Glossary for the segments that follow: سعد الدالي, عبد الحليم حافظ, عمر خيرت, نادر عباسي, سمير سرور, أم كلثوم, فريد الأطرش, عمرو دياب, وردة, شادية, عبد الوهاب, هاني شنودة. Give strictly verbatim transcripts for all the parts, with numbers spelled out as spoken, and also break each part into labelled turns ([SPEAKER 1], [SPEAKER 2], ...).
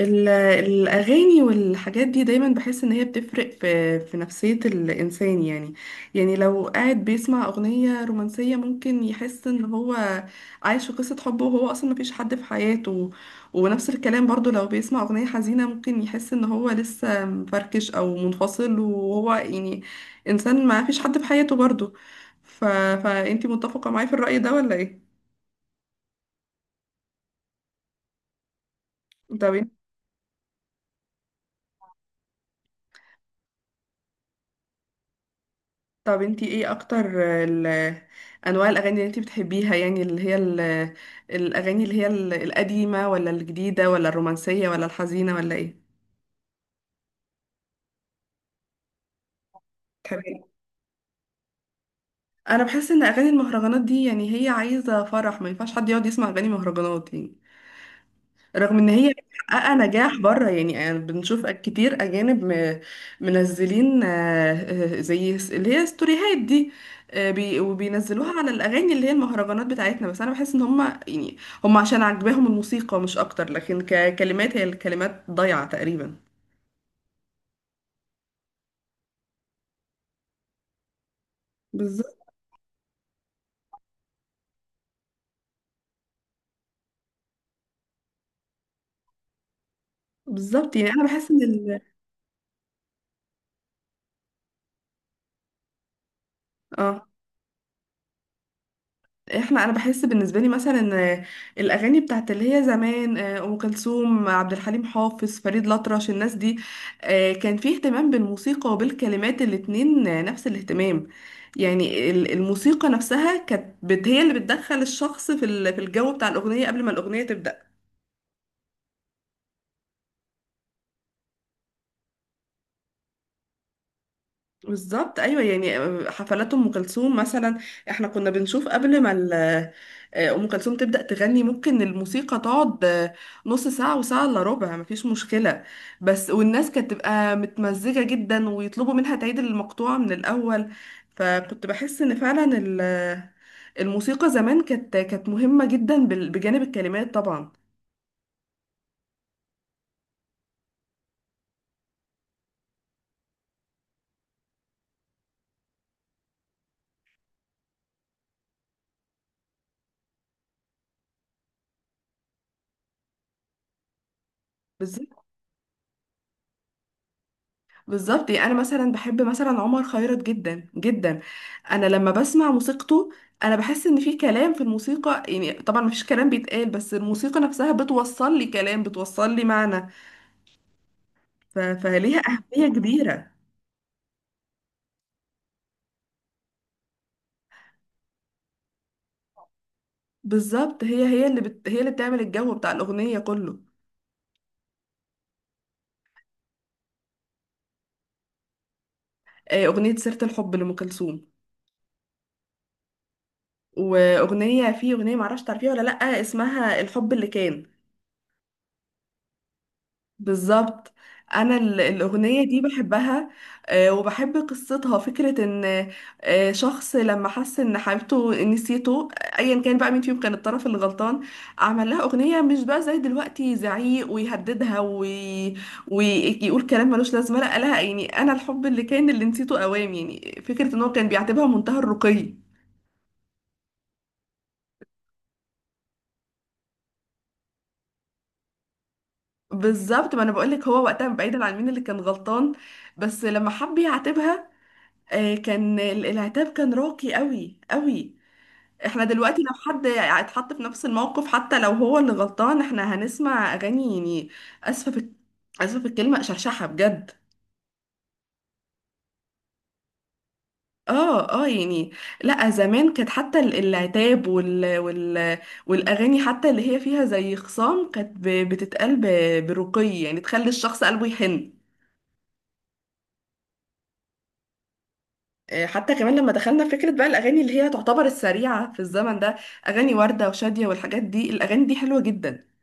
[SPEAKER 1] ال- الأغاني والحاجات دي دايما بحس إن هي بتفرق في في نفسية الإنسان يعني يعني لو قاعد بيسمع أغنية رومانسية ممكن يحس إن هو عايش في قصة حب وهو أصلا مفيش حد في حياته. ونفس الكلام برضو لو بيسمع أغنية حزينة ممكن يحس إن هو لسه مفركش أو منفصل وهو يعني إنسان ما فيش حد في حياته برضو. ف... فأنتي متفقة معايا في الرأي ده ولا إيه؟ طب. طب انتي ايه اكتر ال- انواع الاغاني اللي انتي بتحبيها؟ يعني اللي هي ال- الاغاني اللي هي ال- القديمه ولا الجديده ولا الرومانسيه ولا الحزينه ولا ايه؟ بتحبي. انا بحس ان اغاني المهرجانات دي يعني هي عايزه فرح، ما ينفعش حد يقعد يسمع اغاني مهرجانات يعني. رغم ان هي محققه نجاح بره يعني، أنا بنشوف كتير اجانب م- منزلين، آه، آه، زي س- اللي هي ستوريهات دي، آه، بي- وبينزلوها على الاغاني اللي هي المهرجانات بتاعتنا. بس انا بحس ان هم يعني هم عشان عجباهم الموسيقى مش اكتر، لكن ككلمات هي الكلمات ضايعه تقريبا. بالظبط. بالظبط يعني انا بحس ان ال... اه احنا. انا بحس بالنسبه لي مثلا ان الاغاني بتاعت اللي هي زمان، آه، ام كلثوم، عبد الحليم حافظ، فريد الأطرش، الناس دي، آه، كان في اهتمام بالموسيقى وبالكلمات الاتنين، آه، نفس الاهتمام. يعني ال- الموسيقى نفسها كانت بت- هي اللي بتدخل الشخص في ال- في الجو بتاع الاغنيه قبل ما الاغنيه تبدا. بالظبط ايوه يعني. آه، حفلات ام كلثوم مثلا، احنا كنا بنشوف قبل ما ال- آه، ام كلثوم تبدا تغني ممكن الموسيقى تقعد نص ساعه وساعه الا ربع مفيش مشكله. بس والناس كانت تبقى متمزجه جدا ويطلبوا منها تعيد المقطوعه من الاول. فكنت بحس ان فعلا ال- الموسيقى زمان كانت كانت مهمه جدا بال- بجانب الكلمات طبعا. بالظبط يعني انا مثلا بحب مثلا عمر خيرت جدا جدا. انا لما بسمع موسيقته، انا بحس ان في كلام في الموسيقى، يعني طبعا مفيش كلام بيتقال بس الموسيقى نفسها بتوصل لي كلام، بتوصل لي معنى. ف... فليها اهمية كبيرة. بالظبط. هي هي اللي بت... هي اللي بتعمل الجو بتاع الاغنية كله. آه، اغنية سيرة الحب لأم كلثوم، واغنية، في اغنية معرفش تعرفيها ولا لأ، اسمها الحب اللي كان. بالظبط. انا ال- الاغنيه دي بحبها. آه، وبحب قصتها، فكره ان آه، شخص لما حس ان حبيبته نسيته، ايا كان بقى مين فيهم كان الطرف اللي غلطان، عمل لها اغنيه. مش بقى زي دلوقتي زعيق ويهددها وي... ويقول كلام ملوش لازمه لا لها. يعني انا الحب اللي كان اللي نسيته اوام، يعني فكره ان هو كان بيعتبرها منتهى الرقي. بالظبط. ما انا بقولك، هو وقتها بعيدا عن مين اللي كان غلطان، بس لما حب يعاتبها، آه، كان ال- العتاب كان راقي قوي قوي. احنا دلوقتي لو حد اتحط في نفس الموقف حتى لو هو اللي غلطان احنا هنسمع اغاني يعني، اسفه في اسفه في الكلمه، شرشحه بجد. اه اه يعني. لا زمان كانت حتى ال- العتاب وال... وال... والاغاني حتى اللي هي فيها زي خصام كانت ب... بتتقال ب... برقي، يعني تخلي الشخص قلبه يحن. آه، حتى كمان لما دخلنا في فكرة بقى الأغاني اللي هي تعتبر السريعة في الزمن ده، أغاني وردة وشادية والحاجات دي، الأغاني دي حلوة جدا.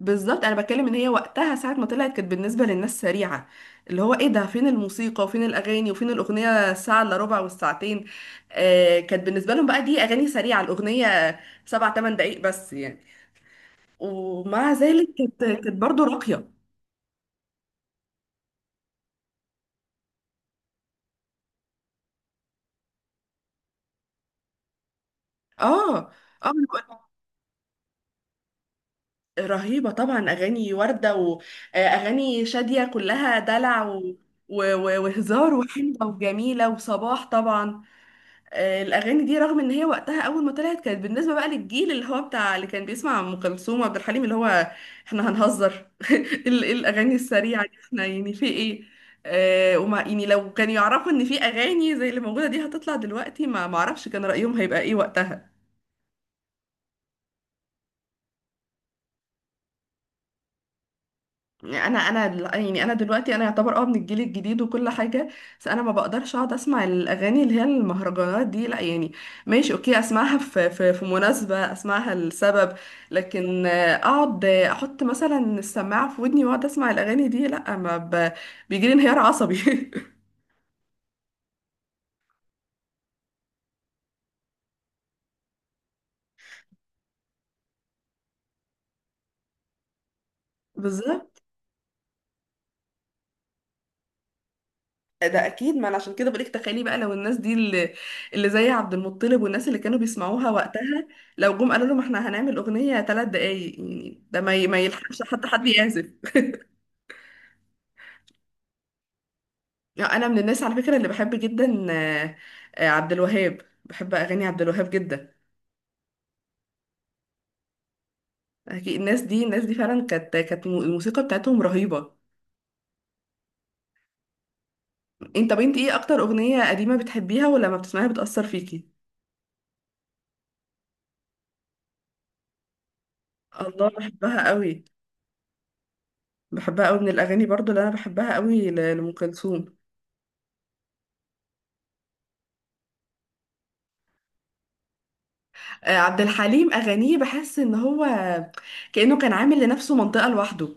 [SPEAKER 1] بالظبط. انا بتكلم ان هي وقتها ساعه ما طلعت كانت بالنسبه للناس سريعه، اللي هو ايه ده، فين الموسيقى وفين الاغاني وفين الاغنيه الساعه الا ربع والساعتين. آه، كانت بالنسبه لهم بقى دي اغاني سريعه. الاغنيه سبع ثمان دقائق بس يعني. ومع ذلك كانت كانت برضه راقيه. اه اه. أنا بقول لك، رهيبه طبعا اغاني ورده، واغاني شاديه كلها دلع و... و... و- وهزار وحلوه وجميله، وصباح طبعا. آه، الاغاني دي رغم ان هي وقتها اول ما طلعت كانت بالنسبه بقى للجيل اللي هو بتاع اللي كان بيسمع ام كلثوم وعبد الحليم، اللي هو احنا هنهزر ال- الاغاني السريعه دي احنا يعني في ايه. آه وما يعني لو كانوا يعرفوا ان في اغاني زي اللي موجوده دي هتطلع دلوقتي، ما معرفش كان رايهم هيبقى ايه وقتها. انا انا ال- يعني انا دلوقتي انا يعتبر اه من الجيل الجديد وكل حاجه، بس انا ما بقدرش اقعد اسمع الاغاني اللي هي المهرجانات دي لا يعني. ماشي، اوكي اسمعها في في, في مناسبه، اسمعها لسبب، لكن آه، اقعد آه، احط مثلا السماعه في ودني واقعد اسمع الاغاني دي، لا، ما ب... بيجيلي انهيار عصبي. بالظبط. ده اكيد ما انا عشان كده بقولك، تخيلي بقى لو الناس دي اللي, اللي زي عبد المطلب والناس اللي كانوا بيسمعوها وقتها لو جم قالوا لهم احنا هنعمل اغنيه ثلاث دقايق يعني ده ما ي- ما يلحقش حتى حد يعزف. يعني انا من الناس على فكره اللي بحب جدا، آه، آه، عبد الوهاب، بحب اغاني عبد الوهاب جدا. أكيد الناس دي الناس دي فعلا كانت كانت مو- الموسيقى بتاعتهم رهيبه. انت طب انت ايه اكتر اغنيه قديمه بتحبيها ولما بتسمعيها بتاثر فيكي؟ الله، بحبها قوي. بحبها قوي من الاغاني برضو اللي انا بحبها قوي ل- لام كلثوم. آه، عبد الحليم اغانيه بحس ان هو كانه كان عامل لنفسه منطقه لوحده.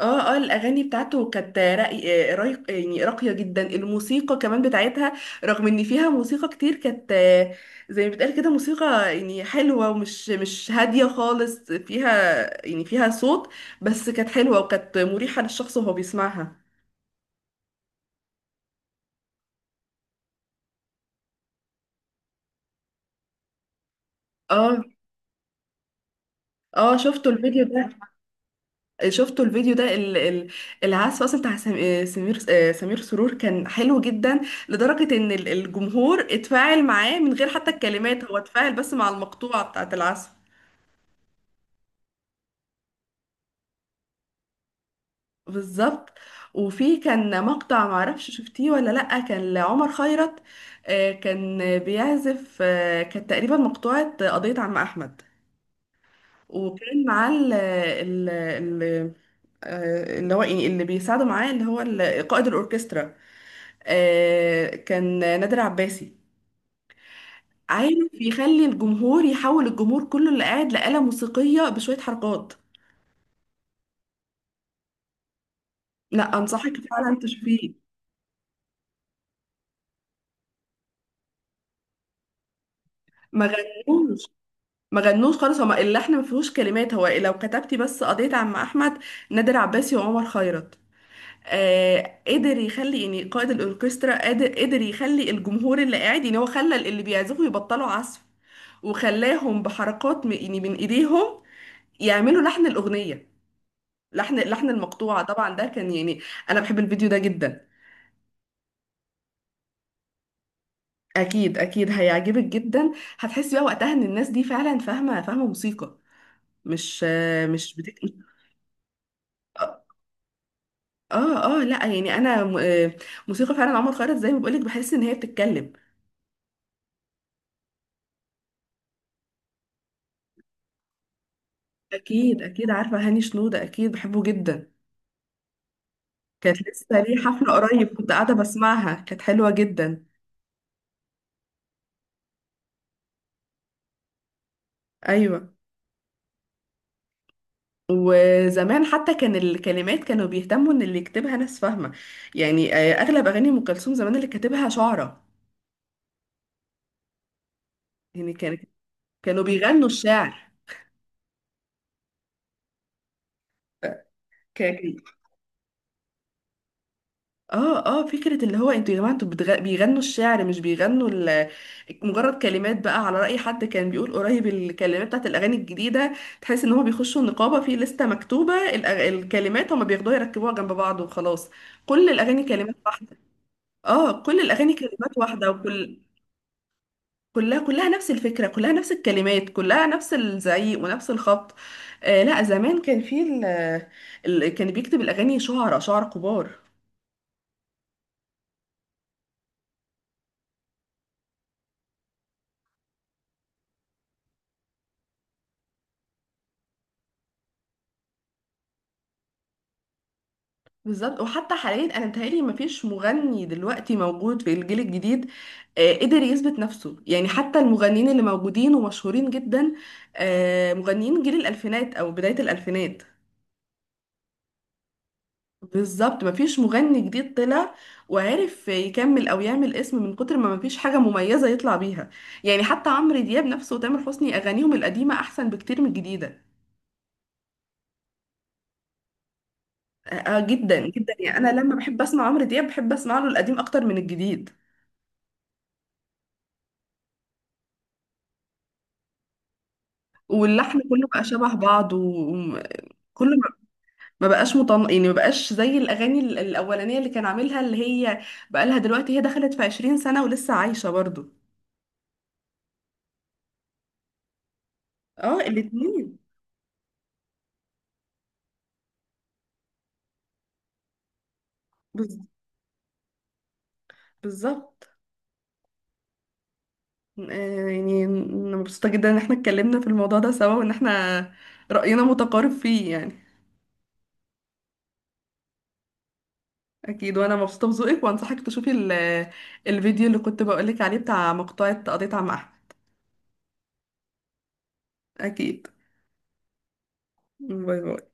[SPEAKER 1] اه اه. الاغاني بتاعته كانت راقي، آه، رايق يعني، راقيه جدا الموسيقى كمان بتاعتها، رغم ان فيها موسيقى كتير. كانت آه، زي ما بتقال كده، موسيقى يعني حلوه، ومش مش هاديه خالص، فيها يعني فيها صوت، بس كانت حلوه وكانت مريحه للشخص وهو بيسمعها. اه اه، شفتوا الفيديو ده؟ شفتوا الفيديو ده ال- ال- العزف اصلا بتاع سم- آه، سمير آه، سمير سرور كان حلو جدا، لدرجة ان ال- الجمهور اتفاعل معاه من غير حتى الكلمات، هو اتفاعل بس مع المقطوعة بتاعة العزف. بالظبط. وفي كان مقطع معرفش شفتيه ولا لأ، كان لعمر خيرت، آه، كان بيعزف، آه، كانت تقريبا مقطوعة قضية عم أحمد، وكان معاه ال- ال- ال- آه، اللي هو يعني اللي بيساعده معاه اللي هو ال- قائد الأوركسترا، آه، كان نادر عباسي. عارف يخلي الجمهور، يحول الجمهور كله اللي قاعد لآلة موسيقية بشوية حركات. لا، انصحك فعلا تشوفيه. ما غنوش ما غنوش خالص، هما اللحن ما فيهوش كلمات. هو لو كتبتي بس قضية عم احمد نادر عباسي وعمر خيرت، آه قدر يخلي يعني، قائد الاوركسترا قادر قدر يخلي الجمهور اللي قاعد، يعني هو خلى اللي بيعزفوا يبطلوا عزف، وخلاهم بحركات م- يعني من ايديهم يعملوا لحن الاغنية، لحن، لحن المقطوعة طبعا، ده كان يعني انا بحب الفيديو ده جدا. اكيد اكيد هيعجبك جدا. هتحسي بقى وقتها ان الناس دي فعلا فاهمة، فاهمة موسيقى، مش مش بتك... اه اه، آه، لا يعني انا م- آه، موسيقى فعلا. عمر خيرت زي ما بقولك بحس ان هي بتتكلم. اكيد اكيد عارفة هاني شنودة، اكيد بحبه جدا. كانت لسه ليه حفلة قريب، كنت قاعدة بسمعها كانت حلوة جدا. ايوه. وزمان حتى كان الكلمات كانوا بيهتموا ان اللي يكتبها ناس فاهمة، يعني آه، اغلب اغاني ام كلثوم زمان اللي كاتبها شعراء، يعني كان كانوا بيغنوا الشعر. ف- ك- اه اه، فكرة اللي هو انتوا يا جماعة انتوا بتغ... بيغنوا الشعر، مش بيغنوا ال... مجرد كلمات بقى، على رأي حد كان بيقول قريب، الكلمات بتاعت الأغاني الجديدة تحس ان هما بيخشوا النقابة في لستة مكتوبة الأغ... الكلمات هما بياخدوها يركبوها جنب بعض وخلاص. كل الأغاني كلمات واحدة. اه، كل الأغاني كلمات واحدة وكل كلها كلها نفس الفكرة، كلها نفس الكلمات، كلها نفس الزعيق ونفس الخبط. آه لا، زمان كان في ال ال- كان بيكتب الأغاني شعراء، شعراء كبار. بالظبط. وحتى حاليا أنا متهيألي مفيش مغني دلوقتي موجود في الجيل الجديد آه قدر يثبت نفسه، يعني حتى المغنيين اللي موجودين ومشهورين جدا آه مغنيين جيل الألفينات أو بداية الألفينات. بالظبط. مفيش مغني جديد طلع وعرف يكمل او يعمل اسم، من كتر ما مفيش حاجه مميزه يطلع بيها. يعني حتى عمرو دياب نفسه وتامر حسني اغانيهم القديمه احسن بكتير من الجديده. آه، آه، جدا جدا يعني، انا لما بحب اسمع عمرو دياب بحب اسمع له القديم اكتر من الجديد. واللحن كله بقى شبه بعض، وكله ما بقاش مطن، يعني ما بقاش زي الاغاني ال- الاولانيه اللي كان عاملها، اللي هي بقى لها دلوقتي، هي دخلت في عشرين سنه ولسه عايشه برضو. اه، الاتنين. بز- بالظبط. آه، يعني أنا مبسوطة جدا إن احنا اتكلمنا في الموضوع ده سوا، وإن احنا رأينا متقارب فيه يعني. أكيد. وأنا مبسوطة بذوقك، وأنصحك تشوفي ال- الفيديو اللي كنت بقولك عليه بتاع مقطوعة قضيت عم أحمد. أكيد. باي باي.